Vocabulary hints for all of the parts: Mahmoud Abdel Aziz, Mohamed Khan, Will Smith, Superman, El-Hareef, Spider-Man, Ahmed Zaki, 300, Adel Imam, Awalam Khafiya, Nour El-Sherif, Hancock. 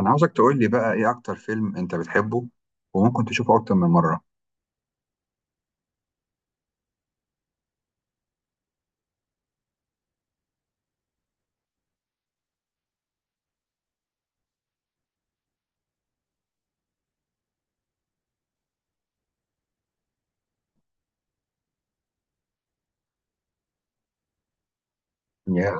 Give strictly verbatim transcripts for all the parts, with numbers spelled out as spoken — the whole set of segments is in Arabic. انا عاوزك تقول لي بقى ايه اكتر فيلم انت بتحبه وممكن تشوفه اكتر من مره. يا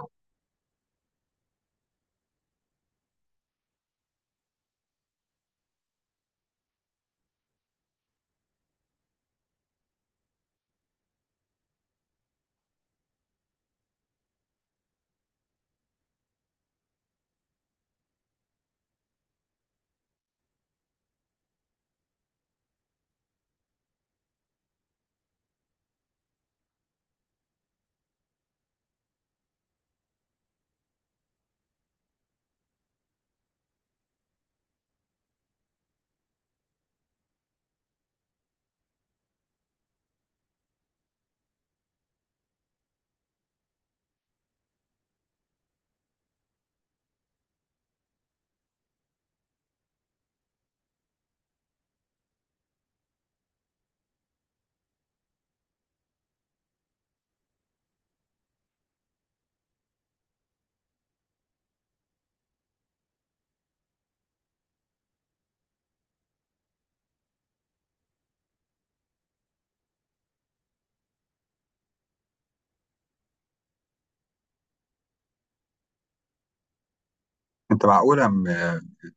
انت معقوله م...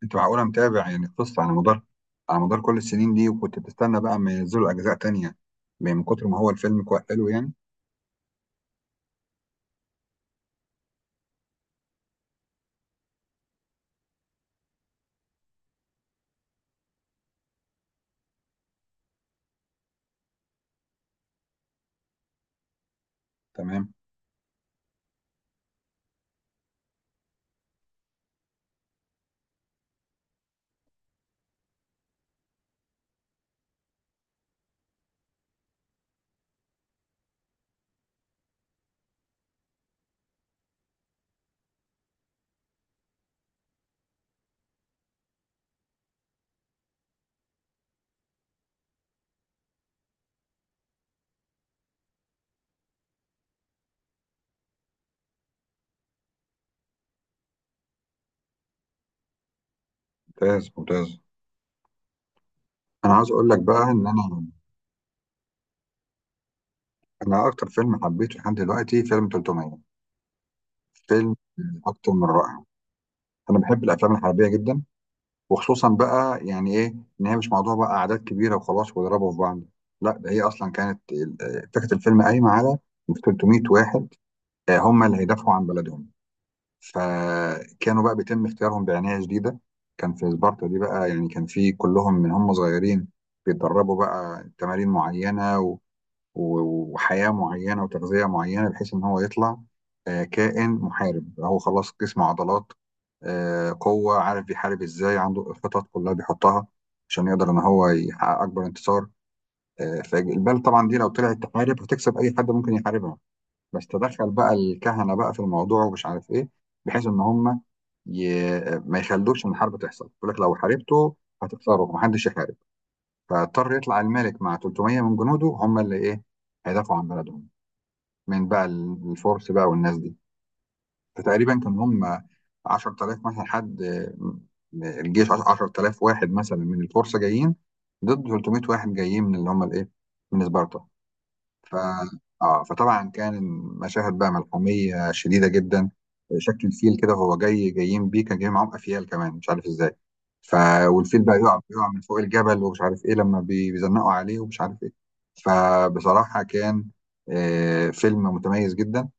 انت معقوله متابع يعني القصه على مدار على مدار كل السنين دي، وكنت بتستنى بقى ما ينزلوا اجزاء تانية من كتر ما هو الفيلم كويس حلو يعني. تمام. ممتاز ممتاز. انا عاوز اقول لك بقى ان انا انا اكتر فيلم حبيته لحد دلوقتي فيلم ثلاث مية. فيلم اكتر من رائع. انا بحب الافلام الحربيه جدا، وخصوصا بقى يعني ايه، ان هي مش موضوع بقى اعداد كبيره وخلاص ويضربوا في بعض. لا، ده هي اصلا كانت ال- آه، فكره الفيلم قايمه على ثلاث مية واحد، آه، هم اللي هيدافعوا عن بلدهم. فكانوا بقى بيتم اختيارهم بعنايه شديده. كان في سبارتا دي بقى، يعني كان في كلهم من هم صغيرين بيتدربوا بقى تمارين معينه، و- وحياة معينة وتغذية معينة، بحيث إن هو يطلع آه، كائن محارب. هو خلاص جسم، عضلات، آه، قوة، عارف بيحارب إزاي، عنده الخطط كلها بيحطها عشان يقدر إن هو يحقق أكبر انتصار. آه، فالبال طبعا دي لو طلعت تحارب هتكسب أي حد ممكن يحاربها. بس تدخل بقى الكهنة بقى في الموضوع ومش عارف إيه، بحيث إن هم ي... ما يخلوش إن الحرب تحصل. يقول لك لو حاربته هتخسره، ومحدش يحارب. فاضطر يطلع الملك مع ثلاث مية من جنوده هم اللي إيه، هيدافعوا عن بلدهم من بقى الفرس بقى والناس دي. فتقريبا كان هم عشرة آلاف مثلا حد، الجيش عشرة آلاف واحد مثلا من الفرس جايين ضد ثلاث مية واحد جايين من اللي هم الايه، من سبارتا. ف اه فطبعا كان مشاهد بقى ملحميه شديده جدا. شكل الفيل كده وهو جاي، جايين بيه، كان جاي معاهم افيال كمان مش عارف ازاي. ف والفيل بقى يقع يقع من فوق الجبل ومش عارف ايه، لما بي- بيزنقوا عليه ومش عارف ايه. فبصراحه كان آه، فيلم متميز جدا،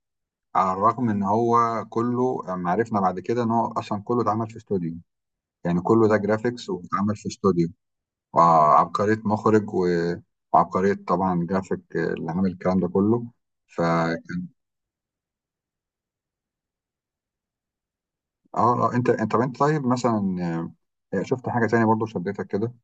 على الرغم ان هو كله لما عرفنا بعد كده ان هو اصلا كله اتعمل في استوديو. يعني كله ده جرافيكس واتعمل في استوديو. وعبقرية مخرج و- وعبقرية طبعا جرافيك اللي عامل الكلام ده كله. ف اه آه، انت انت طب انت طيب مثلا، آه، شفت حاجة تانية برضو شدتك كده؟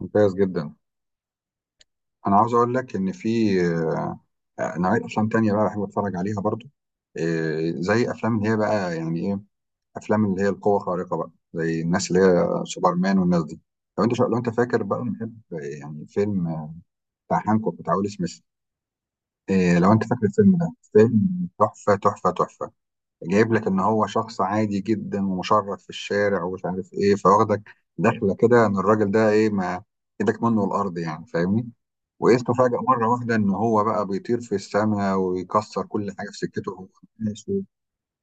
ممتاز جدا. انا عاوز اقول لك ان في آه، آه، نوعية افلام تانية بقى بحب اتفرج عليها برضو، آه، زي افلام اللي هي بقى يعني ايه، افلام اللي هي القوه الخارقه بقى، زي الناس اللي هي سوبرمان والناس دي. لو انت شا... لو انت فاكر بقى، بنحب يعني فيلم بتاع هانكوك بتاع ويل سميث، إيه لو انت فاكر الفيلم ده؟ فيلم تحفه تحفه تحفه. جايب لك ان هو شخص عادي جدا ومشرد في الشارع ومش عارف ايه، فواخدك دخله كده ان الراجل ده ايه، ما ايدك منه الارض يعني، فاهمني؟ واسمه فجأة مرة واحدة إن هو بقى بيطير في السماء ويكسر كل حاجة في سكته وهو ماشي،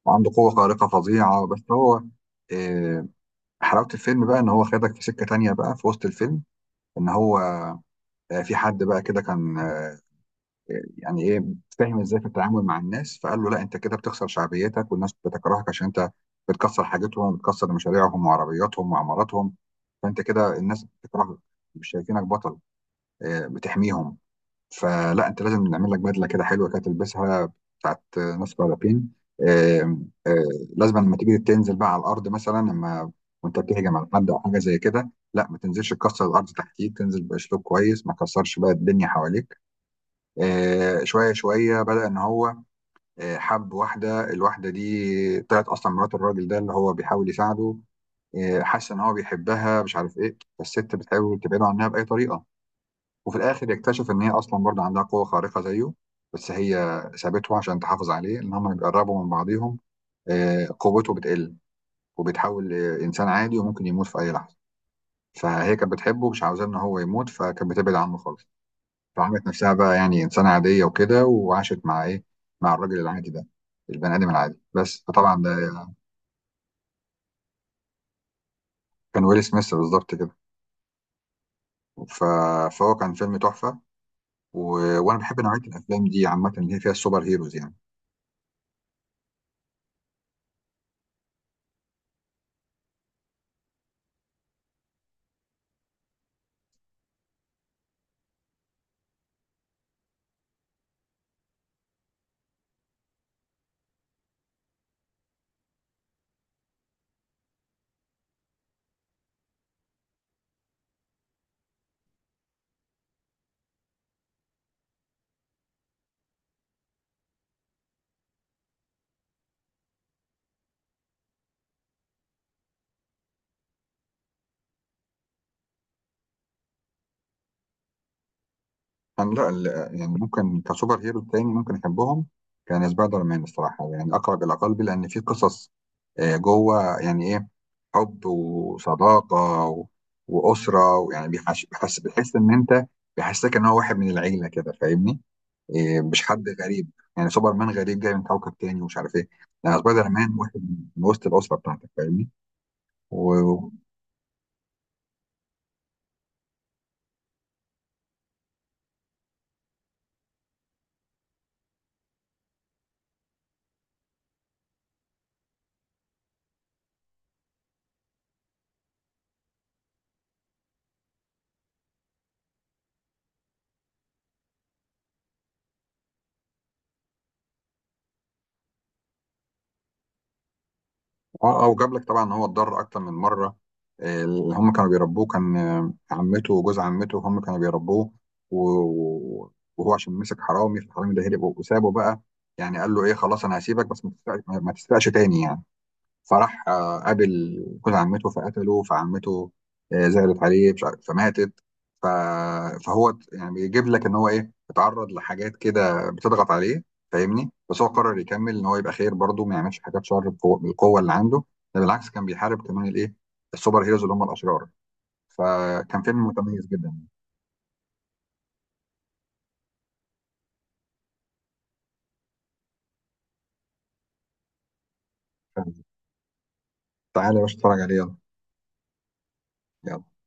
وعنده قوة خارقة فظيعة. بس هو إيه، حلاوة الفيلم بقى إن هو خدك في سكة تانية بقى في وسط الفيلم، إن هو آه، في حد بقى كده كان آه، يعني إيه فاهم إزاي في التعامل مع الناس، فقال له لا أنت كده بتخسر شعبيتك والناس بتكرهك عشان أنت بتكسر حاجتهم وبتكسر مشاريعهم وعربياتهم وعماراتهم، فأنت كده الناس بتكرهك، مش شايفينك بطل آه، بتحميهم. فلا، انت لازم نعمل لك بدله كده حلوه كده تلبسها، بتاعت ناس مدربين. آم، آه، لازم لما تيجي تنزل بقى على الارض مثلا، لما وانت بتهجم على حد او حاجه زي كده، لا ما تنزلش تكسر الارض تحتيك، تنزل باسلوب كويس، ما تكسرش بقى الدنيا حواليك. آه، شويه شويه بدا ان هو آه، حب واحده. الواحده دي طلعت اصلا مرات الراجل ده اللي هو بيحاول يساعده. آه، حس ان هو بيحبها مش عارف ايه، فالست بتحاول تبعده عنها باي طريقه. وفي الاخر يكتشف ان هي اصلا برضه عندها قوه خارقه زيه، بس هي سابته عشان تحافظ عليه. ان هم بيقربوا من بعضهم آه، قوته بتقل وبيتحول لانسان عادي وممكن يموت في اي لحظه. فهي كانت بتحبه مش عاوزاه ان هو يموت، فكانت بتبعد عنه خالص. فعملت نفسها بقى يعني انسانه عاديه وكده، وعاشت مع ايه، مع الراجل العادي ده، البني ادم العادي بس. فطبعا ده كان ويل سميث بالظبط كده. ف... فهو كان فيلم تحفه. و... وانا بحب نوعيه الافلام دي عامه اللي هي فيها السوبر هيروز يعني. كان لا ال- يعني ممكن كسوبر هيرو تاني ممكن احبهم، كان سبايدر مان الصراحه، يعني اقرب الى قلبي، لان في قصص آه، جوه يعني ايه، حب وصداقه و- واسره، ويعني بيحس بيحس بيحس ان انت، بيحسسك ان هو واحد من العيله كده، فاهمني؟ إيه، مش حد غريب. يعني سوبر مان غريب جاي من كوكب تاني ومش عارف ايه، لان سبايدر مان واحد من من وسط الاسره بتاعتك، فاهمني؟ اه اه. وجاب لك طبعا ان هو اتضرر اكتر من مره. آه، اللي هم كانوا بيربوه كان آه، عمته وجوز عمته، هم كانوا بيربوه. و- و- وهو عشان مسك حرامي، فالحرامي ده هرب وسابه بقى، يعني قال له ايه خلاص انا هسيبك بس ما تسرقش ما تسرقش تاني يعني. فراح آه، قابل جوز عمته فقتله، فعمته آه، زعلت عليه، مش عارف- فماتت. ف... فهو ت- يعني بيجيب لك ان هو ايه، اتعرض لحاجات كده بتضغط عليه، فاهمني؟ بس هو قرر يكمل ان هو يبقى خير برضه، ما يعملش حاجات شر بقوة- بالقوه اللي عنده. ده بالعكس كان بيحارب كمان الايه، السوبر هيروز اللي هم الاشرار. فكان فيلم متميز جدا. تعالى يا باشا اتفرج عليه، يلا. يلا.